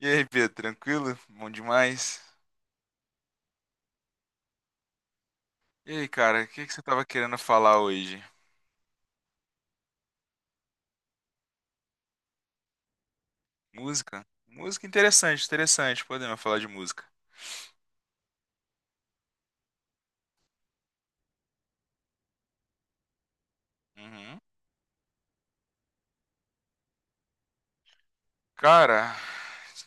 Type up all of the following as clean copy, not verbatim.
E aí, Pedro, tranquilo? Bom demais. E aí, cara, o que que você tava querendo falar hoje? Música? Música interessante, interessante. Podemos falar de música. Uhum. Cara,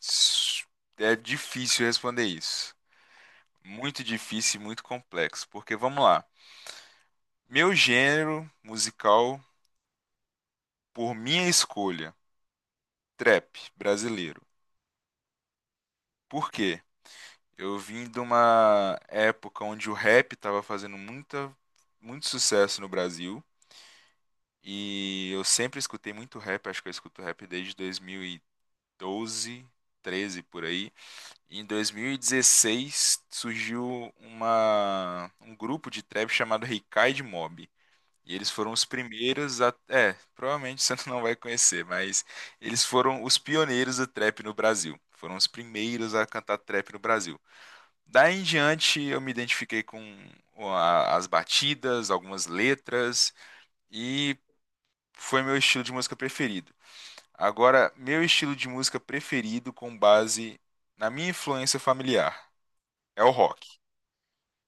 s- é difícil responder isso. Muito difícil e muito complexo. Porque vamos lá. Meu gênero musical, por minha escolha, trap brasileiro. Por quê? Eu vim de uma época onde o rap estava fazendo muito sucesso no Brasil. E eu sempre escutei muito rap, acho que eu escuto rap desde 2012, 13 por aí. E em 2016 surgiu um grupo de trap chamado Ricide Mob. E eles foram os primeiros a. É, provavelmente você não vai conhecer, mas eles foram os pioneiros do trap no Brasil. Foram os primeiros a cantar trap no Brasil. Daí em diante eu me identifiquei com as batidas, algumas letras. E foi meu estilo de música preferido. Agora, meu estilo de música preferido com base na minha influência familiar é o rock,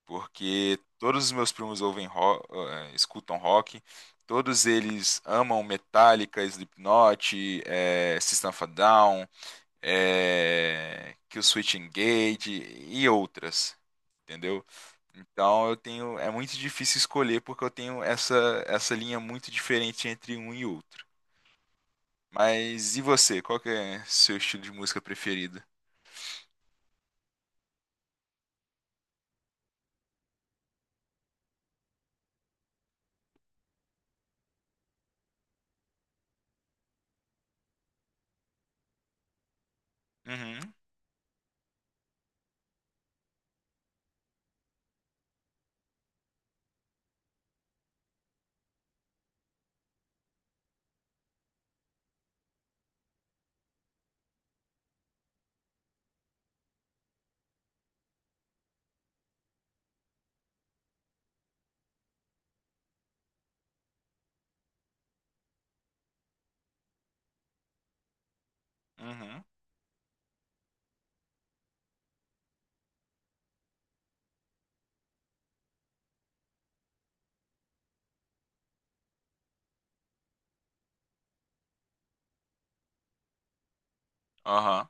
porque todos os meus primos ouvem rock, escutam rock, todos eles amam Metallica, Slipknot, System of a Down, Kill Switch Engage e outras. Entendeu? Então eu tenho, é muito difícil escolher porque eu tenho essa linha muito diferente entre um e outro. Mas e você? Qual que é seu estilo de música preferido? Uhum, uhum, aham,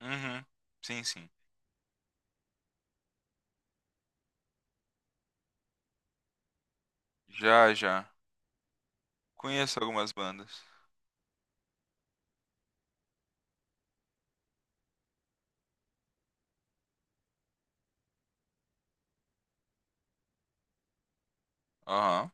uhum. Sim, sim. Já, já. Conheço algumas bandas. Aham.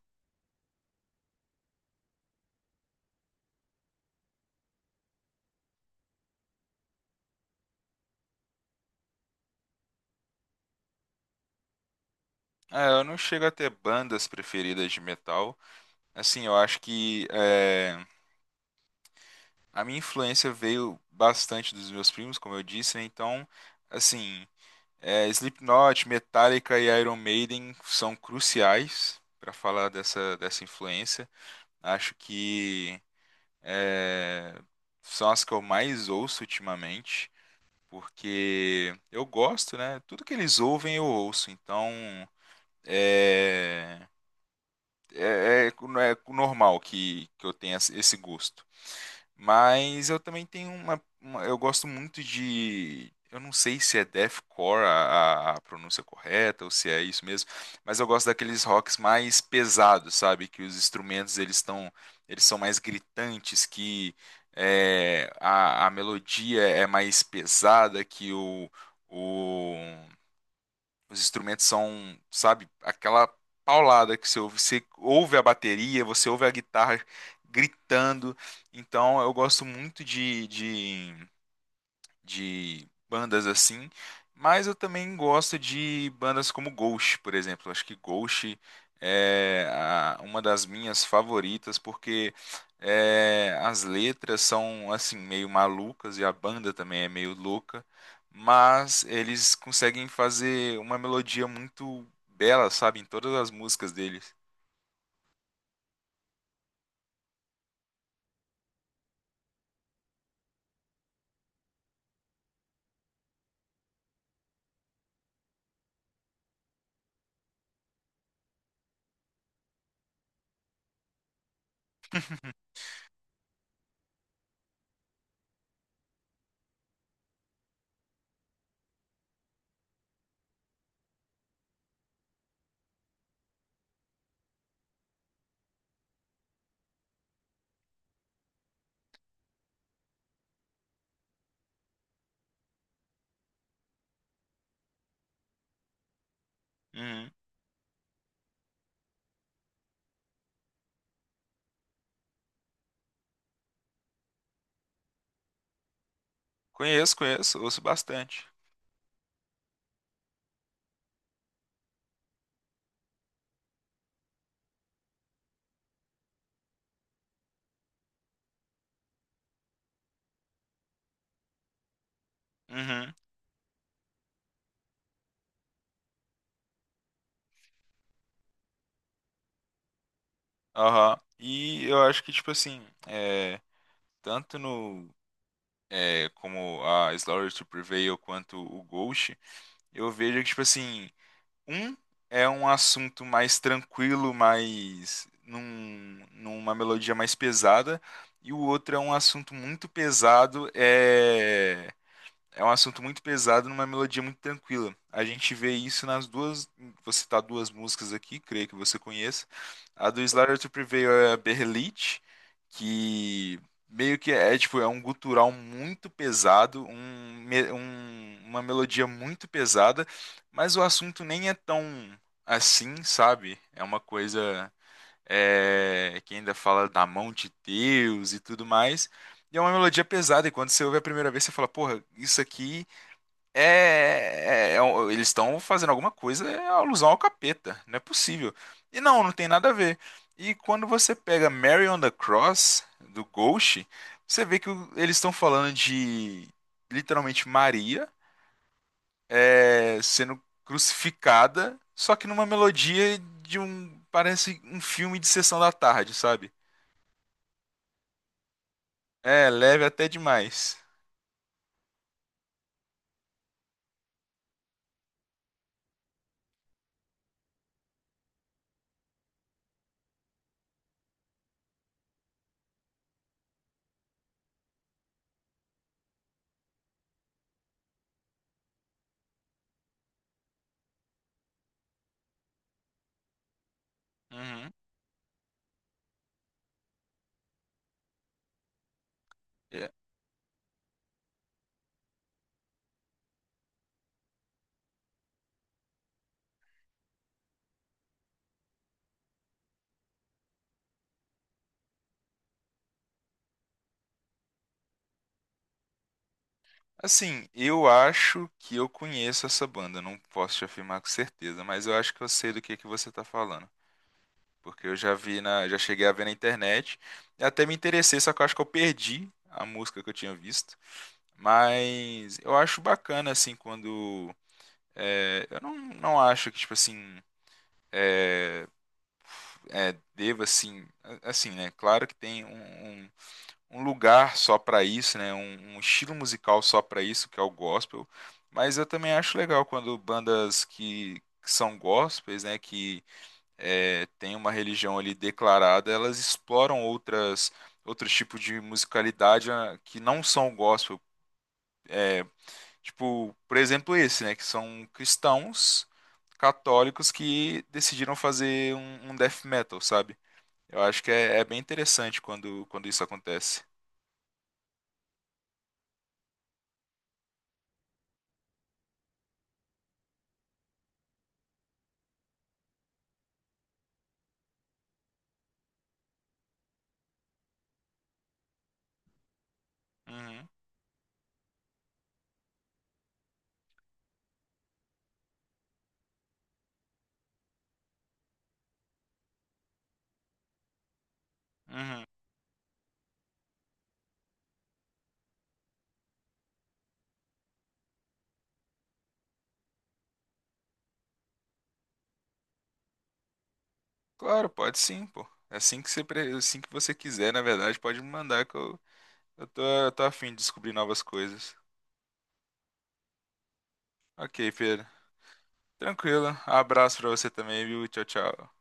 É, eu não chego a ter bandas preferidas de metal. Assim, eu acho a minha influência veio bastante dos meus primos, como eu disse, né? Então, assim, é, Slipknot, Metallica e Iron Maiden são cruciais para falar dessa influência. Acho que é, são as que eu mais ouço ultimamente, porque eu gosto, né? Tudo que eles ouvem eu ouço, então é, é normal que eu tenha esse gosto. Mas eu também tenho Eu gosto muito de. Eu não sei se é deathcore a pronúncia correta ou se é isso mesmo, mas eu gosto daqueles rocks mais pesados, sabe? Que os instrumentos eles estão, eles são mais gritantes, que é, a melodia é mais pesada, o, os instrumentos são, sabe, aquela paulada que você ouve. Você ouve a bateria, você ouve a guitarra gritando. Então eu gosto muito de bandas assim, mas eu também gosto de bandas como Ghost, por exemplo. Acho que Ghost é uma das minhas favoritas porque é, as letras são assim meio malucas e a banda também é meio louca, mas eles conseguem fazer uma melodia muito bela, sabe, em todas as músicas deles. Uhum. Conheço, conheço, ouço bastante. Uhum. Aham. E eu acho que, tipo assim, é, tanto no é, como a Slaughter to Prevail quanto o Ghost, eu vejo que, tipo assim, um é um assunto mais tranquilo, mais numa melodia mais pesada, e o outro é um assunto muito pesado, é um assunto muito pesado numa melodia muito tranquila. A gente vê isso nas duas. Vou citar duas músicas aqui, creio que você conheça. A do Slaughter to Prevail é a Berrelit, que meio que é tipo é um gutural muito pesado, uma melodia muito pesada, mas o assunto nem é tão assim, sabe? É uma coisa é, que ainda fala da mão de Deus e tudo mais. E é uma melodia pesada, e quando você ouve a primeira vez, você fala, porra, isso aqui é. Eles estão fazendo alguma coisa, é alusão ao capeta, não é possível. E não tem nada a ver. E quando você pega Mary on the Cross, do Ghost, você vê que eles estão falando de literalmente Maria é, sendo crucificada, só que numa melodia de um. Parece um filme de sessão da tarde, sabe? É, leve até demais. Uhum. É. Assim, eu acho que eu conheço essa banda, não posso te afirmar com certeza, mas eu acho que eu sei do que você tá falando, porque eu já vi na, já cheguei a ver na internet, e até me interessei, só que eu acho que eu perdi a música que eu tinha visto, mas eu acho bacana assim quando é, eu não, não acho que tipo assim é, deva assim assim né claro que tem um um lugar só para isso, né? Um estilo musical só para isso, que é o gospel. Mas eu também acho legal quando bandas que são gospels, né? Que é, tem uma religião ali declarada, elas exploram outras outros tipos de musicalidade ah, que não são o gospel. Tipo, por exemplo, esse, né? Que são cristãos católicos que decidiram fazer um death metal, sabe? Eu acho que é, é bem interessante quando, quando isso acontece. Uhum, uhum. Claro, pode sim, pô. É assim que você, é assim que você quiser, na verdade, pode me mandar que eu tô a fim de descobrir novas coisas. Ok, Pedro. Tranquilo. Abraço pra você também, viu? Tchau, tchau.